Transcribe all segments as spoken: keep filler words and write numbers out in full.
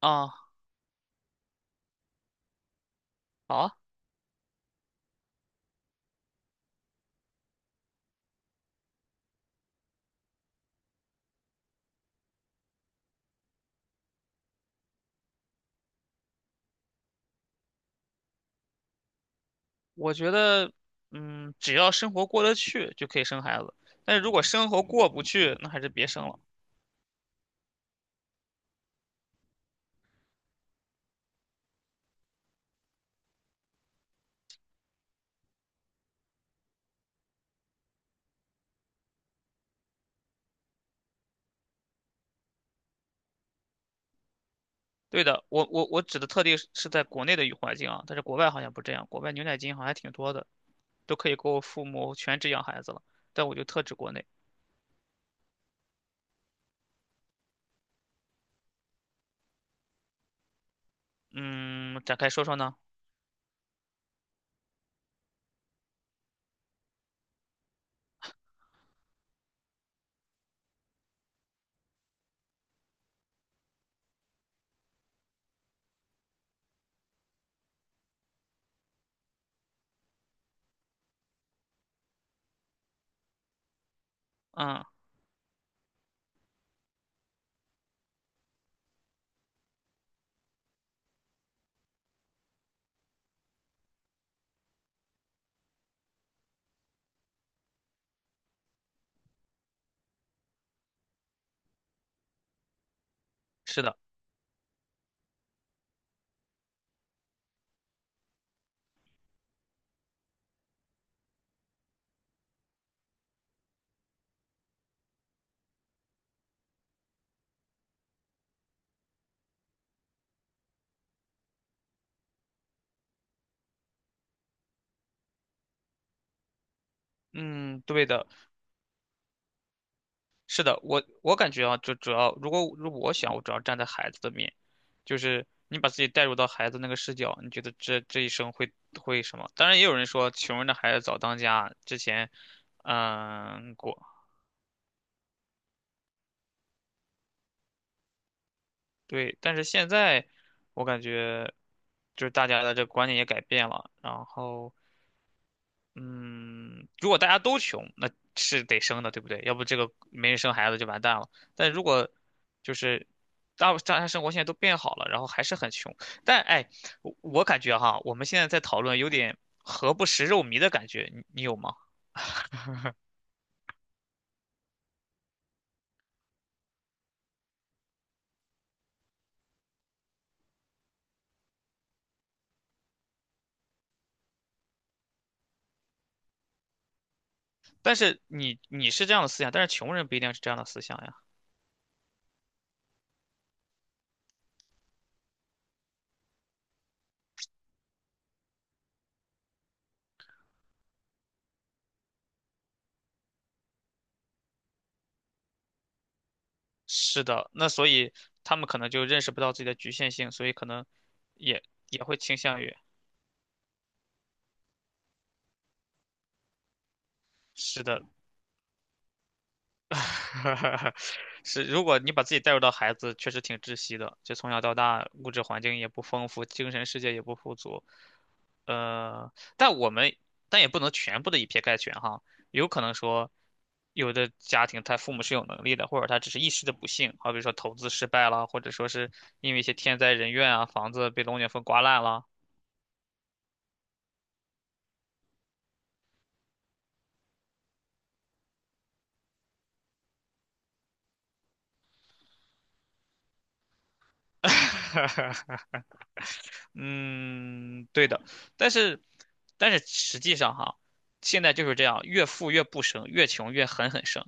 啊，好啊。我觉得，嗯，只要生活过得去就可以生孩子，但是如果生活过不去，那还是别生了。对的，我我我指的特例是是在国内的语环境啊，但是国外好像不这样，国外牛奶金好像还挺多的，都可以给我父母全职养孩子了，但我就特指国内。嗯，展开说说呢？嗯，是的，嗯，对的。是的，我我感觉啊，就主要如果如果我想，我主要站在孩子的面，就是你把自己带入到孩子那个视角，你觉得这这一生会会什么？当然，也有人说穷人的孩子早当家，之前嗯过。对，但是现在我感觉就是大家的这个观念也改变了，然后，嗯，如果大家都穷，那是得生的，对不对？要不这个没人生孩子就完蛋了。但如果就是大大家生活现在都变好了，然后还是很穷，但哎，我我感觉哈，我们现在在讨论有点何不食肉糜的感觉，你你有吗？但是你你是这样的思想，但是穷人不一定是这样的思想呀。是的，那所以他们可能就认识不到自己的局限性，所以可能也也会倾向于。是的，是，如果你把自己带入到孩子，确实挺窒息的。就从小到大，物质环境也不丰富，精神世界也不富足。呃，但我们但也不能全部的以偏概全哈，有可能说，有的家庭他父母是有能力的，或者他只是一时的不幸，好比说投资失败了，或者说是因为一些天灾人怨啊，房子被龙卷风刮烂了。嗯，对的，但是，但是实际上哈，现在就是这样，越富越不生，越穷越狠狠生。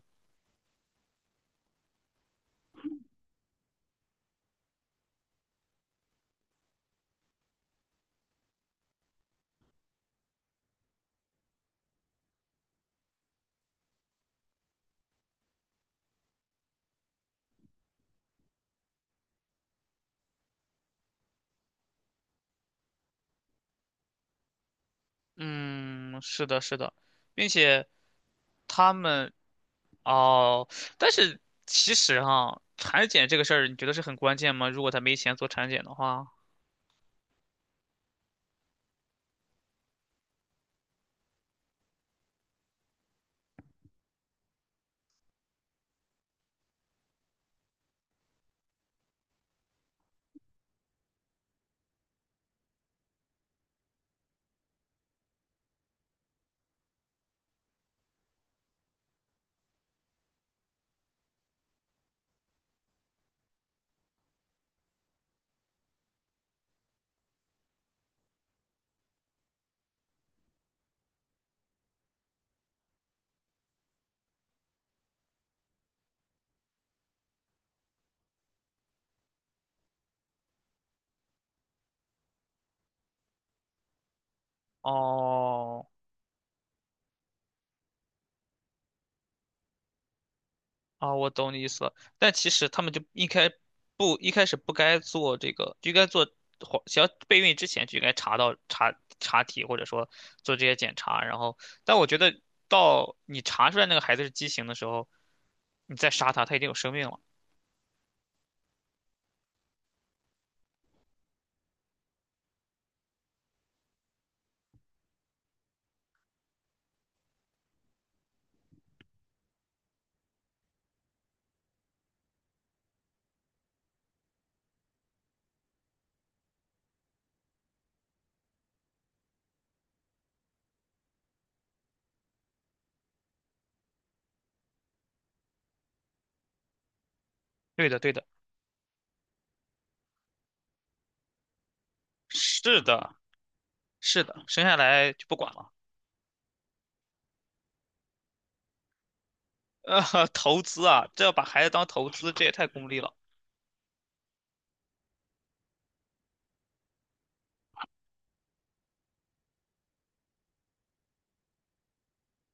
嗯，是的，是的，并且他们哦，但是其实哈，产检这个事儿，你觉得是很关键吗？如果他没钱做产检的话，哦，啊，我懂你意思了。但其实他们就一开不一开始不该做这个，就应该做黄，想要备孕之前就应该查到查查体，或者说做这些检查。然后，但我觉得到你查出来那个孩子是畸形的时候，你再杀他，他已经有生命了。对的，对的，是的，是的，生下来就不管了。呃，投资啊，这要把孩子当投资，这也太功利了。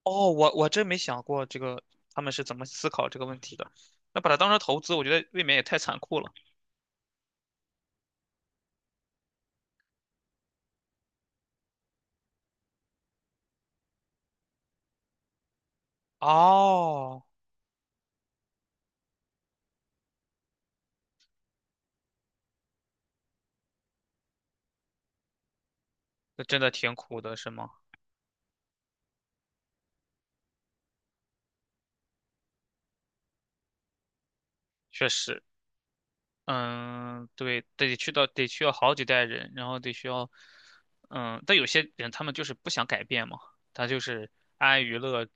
哦，我我真没想过这个他们是怎么思考这个问题的。那把它当成投资，我觉得未免也太残酷了。哦，那真的挺苦的，是吗？确实，嗯，对，得去到得需要好几代人，然后得需要，嗯，但有些人他们就是不想改变嘛，他就是安于乐。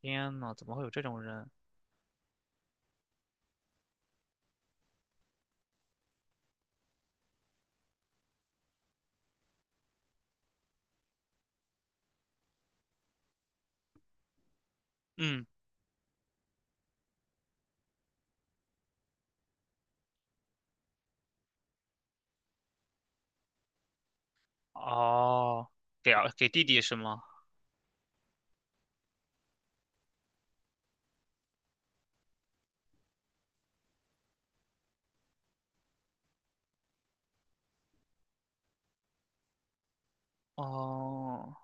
天呐，怎么会有这种人？嗯，哦，给儿给弟弟是吗？哦，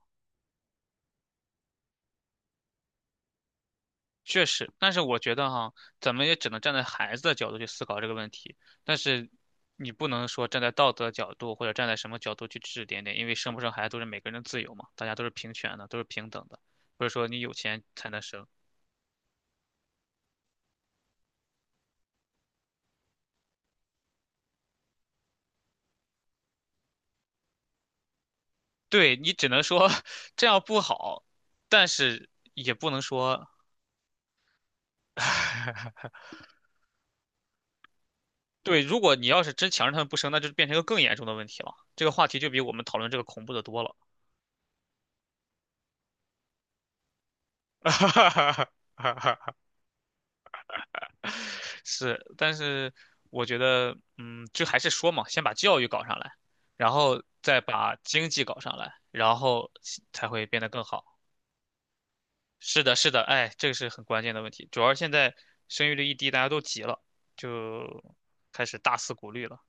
确实，但是我觉得哈，咱们也只能站在孩子的角度去思考这个问题，但是你不能说站在道德角度或者站在什么角度去指指点点，因为生不生孩子都是每个人的自由嘛，大家都是平权的，都是平等的，不是说你有钱才能生。对，你只能说 这样不好，但是也不能说 对，如果你要是真强制他们不生，那就变成一个更严重的问题了。这个话题就比我们讨论这个恐怖的多了。是，但是我觉得，嗯，就还是说嘛，先把教育搞上来，然后再把经济搞上来，然后才会变得更好。是的，是的，哎，这个是很关键的问题。主要是现在生育率一低，大家都急了，就开始大肆鼓励了。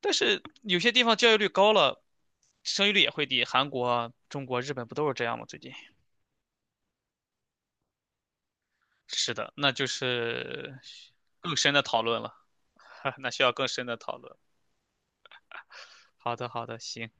但是有些地方教育率高了，生育率也会低。韩国啊中国、日本不都是这样吗？最近是的，那就是更深的讨论了，那需要更深的讨论。好的，好的，行。